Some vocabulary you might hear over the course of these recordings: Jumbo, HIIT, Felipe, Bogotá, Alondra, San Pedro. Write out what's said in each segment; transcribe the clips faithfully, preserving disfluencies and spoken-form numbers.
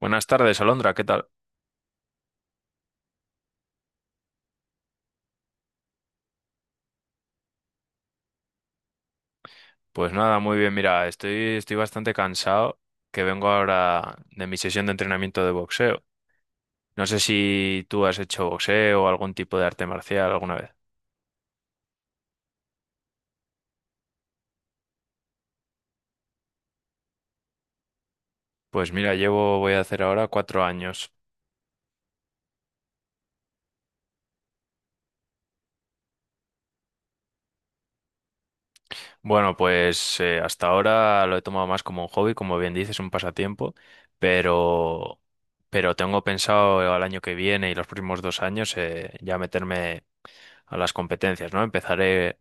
Buenas tardes, Alondra, ¿qué tal? Pues nada, muy bien, mira, estoy, estoy bastante cansado, que vengo ahora de mi sesión de entrenamiento de boxeo. No sé si tú has hecho boxeo o algún tipo de arte marcial alguna vez. Pues mira, llevo, voy a hacer ahora cuatro años. Bueno, pues eh, hasta ahora lo he tomado más como un hobby, como bien dices, un pasatiempo, pero, pero tengo pensado al año que viene y los próximos dos años, eh, ya meterme a las competencias, ¿no? Empezaré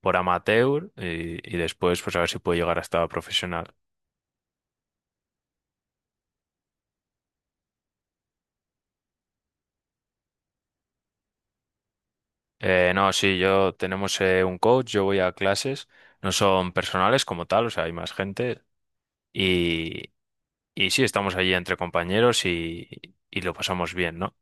por amateur y, y después pues a ver si puedo llegar hasta profesional. Eh, no, sí, yo tenemos eh, un coach, yo voy a clases, no son personales como tal, o sea, hay más gente y, y sí, estamos allí entre compañeros y, y lo pasamos bien, ¿no?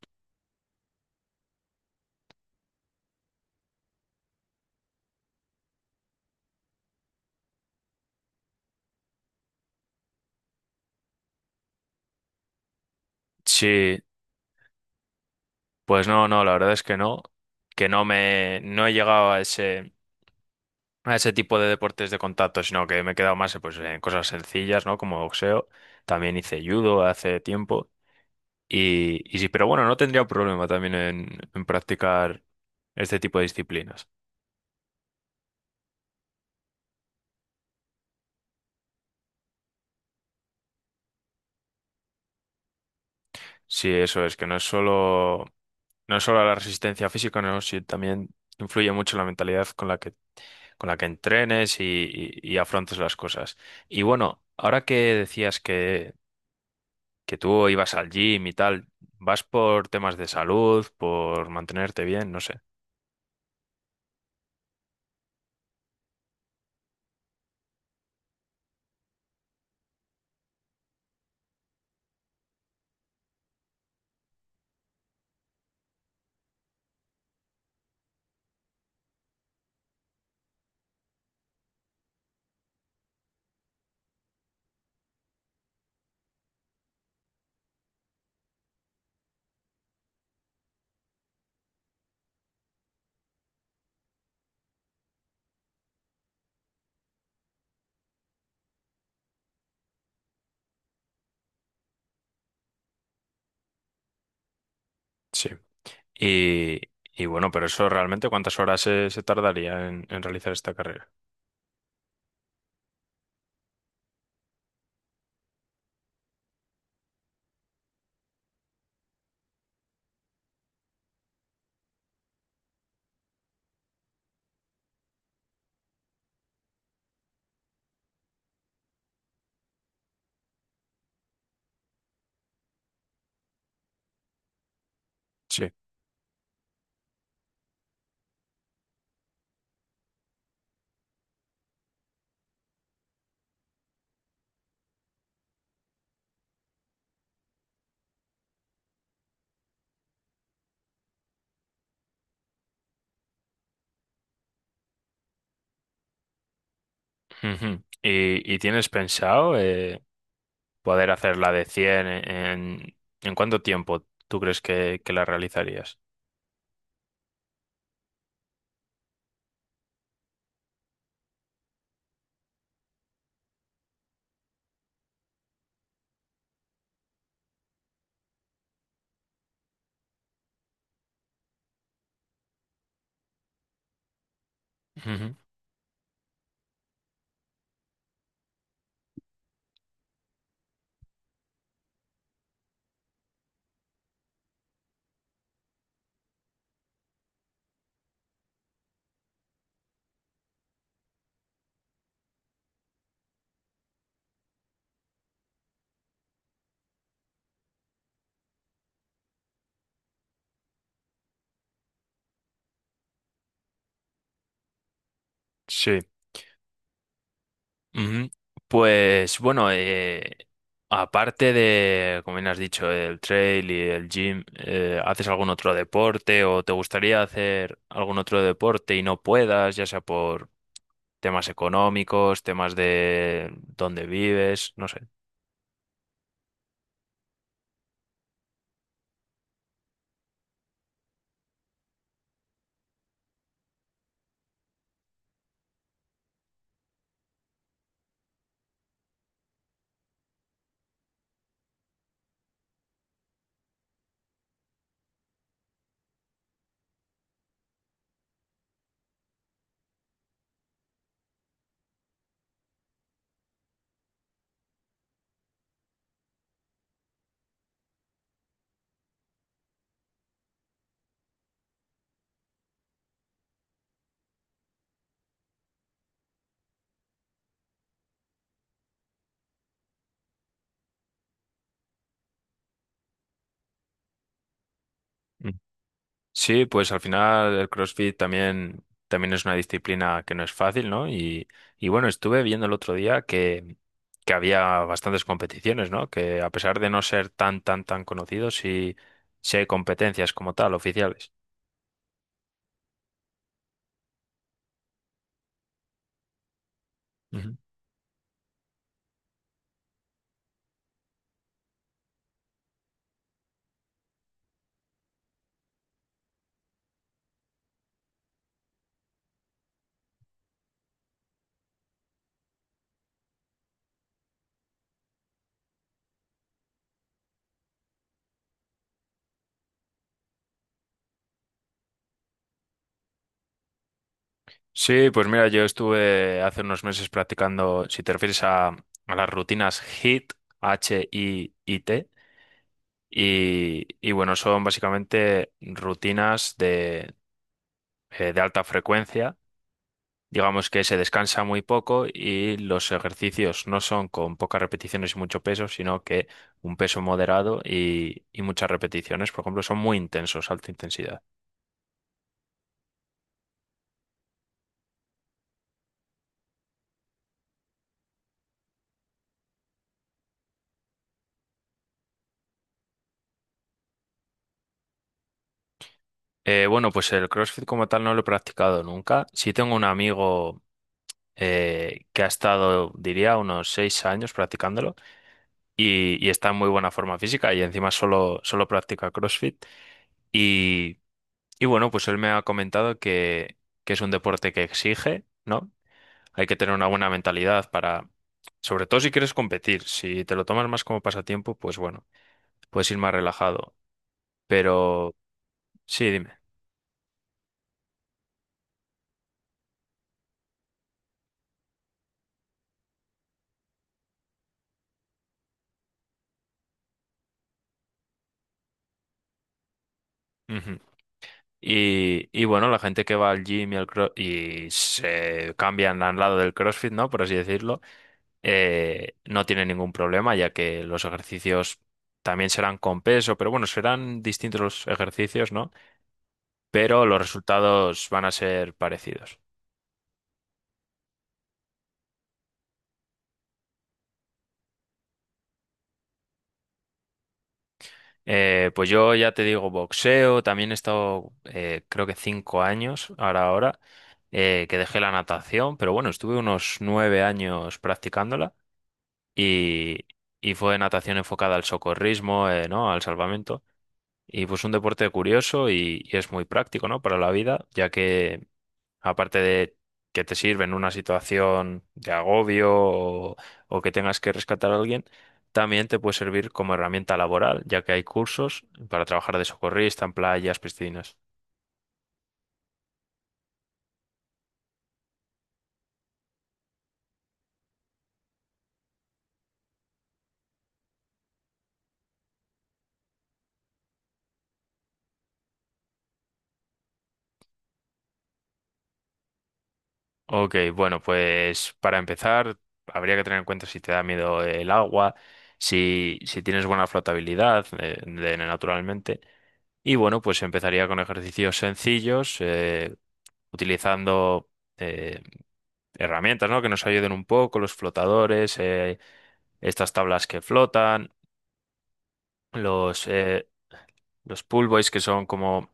Sí, pues no, no, la verdad es que no, que no me, no he llegado a ese, a ese tipo de deportes de contacto, sino que me he quedado más eh, pues, en cosas sencillas, ¿no? Como boxeo, también hice judo hace tiempo. Y, y sí, pero bueno, no tendría problema también en, en practicar este tipo de disciplinas. Sí, eso es, que no es solo, no es solo la resistencia física, no, sí, también influye mucho la mentalidad con la que, con la que entrenes y, y- y afrontes las cosas. Y bueno, ahora que decías que, que tú ibas al gym y tal, ¿vas por temas de salud, por mantenerte bien? No sé. Sí. Y, y bueno, pero eso realmente, ¿cuántas horas se, se tardaría en en realizar esta carrera? Sí. Ujú. ¿Y, y tienes pensado, eh, poder hacer la de cien en, en, en cuánto tiempo tú crees que, que la realizarías? Ujú. Sí. Ujú. Pues bueno, eh, aparte de, como bien has dicho, el trail y el gym, eh, ¿haces algún otro deporte o te gustaría hacer algún otro deporte y no puedas, ya sea por temas económicos, temas de dónde vives, no sé? Sí, pues al final el CrossFit también, también es una disciplina que no es fácil, ¿no? Y, y bueno, estuve viendo el otro día que, que había bastantes competiciones, ¿no? Que a pesar de no ser tan, tan, tan conocidos, sí, sí hay competencias como tal, oficiales. Ujú. Sí, pues mira, yo estuve hace unos meses practicando, si te refieres a, a las rutinas H I I T, H I I T, y, y bueno, son básicamente rutinas de, eh, de alta frecuencia. Digamos que se descansa muy poco y los ejercicios no son con pocas repeticiones y mucho peso, sino que un peso moderado y, y muchas repeticiones, por ejemplo, son muy intensos, alta intensidad. Eh, bueno, pues el CrossFit como tal no lo he practicado nunca. Sí tengo un amigo, eh, que ha estado, diría, unos seis años practicándolo, y, y está en muy buena forma física y encima solo, solo practica CrossFit. Y, y bueno, pues él me ha comentado que, que es un deporte que exige, ¿no? Hay que tener una buena mentalidad para, sobre todo si quieres competir, si te lo tomas más como pasatiempo, pues bueno, puedes ir más relajado. Pero sí, dime. Ujú. Y, y bueno, la gente que va al gym y, al cro- y se cambian al lado del CrossFit, ¿no? Por así decirlo, eh, no tiene ningún problema, ya que los ejercicios también serán con peso, pero bueno, serán distintos los ejercicios, ¿no? Pero los resultados van a ser parecidos. Eh, pues yo ya te digo, boxeo, también he estado, eh, creo que cinco años, ahora ahora, eh, que dejé la natación, pero bueno, estuve unos nueve años practicándola, y, y fue natación enfocada al socorrismo, eh, ¿no? Al salvamento. Y pues un deporte curioso y, y es muy práctico, ¿no? Para la vida, ya que, aparte de que te sirve en una situación de agobio, o, o que tengas que rescatar a alguien, también te puede servir como herramienta laboral, ya que hay cursos para trabajar de socorrista en playas, piscinas. Ok, bueno, pues para empezar, habría que tener en cuenta si te da miedo el agua, si, si tienes buena flotabilidad, eh, de- naturalmente. Y bueno, pues empezaría con ejercicios sencillos, eh, utilizando eh, herramientas, ¿no? Que nos ayuden un poco, los flotadores, eh, estas tablas que flotan, los, eh, los pull buoys que son como,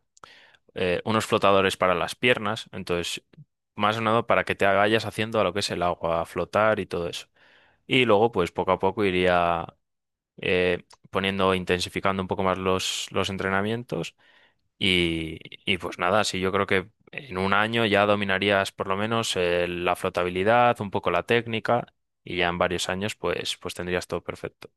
eh, unos flotadores para las piernas, entonces más o menos para que te vayas haciendo a lo que es el agua, a flotar y todo eso. Y luego pues poco a poco iría, eh, poniendo, intensificando un poco más los, los entrenamientos. Y, y pues nada, sí, yo creo que en un año ya dominarías por lo menos, eh, la flotabilidad, un poco la técnica, y ya en varios años pues, pues tendrías todo perfecto.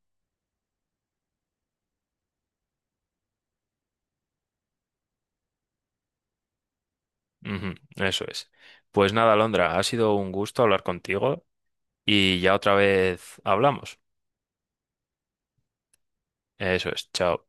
Ujú, eso es. Pues nada, Alondra, ha sido un gusto hablar contigo y ya otra vez hablamos. Eso es, chao.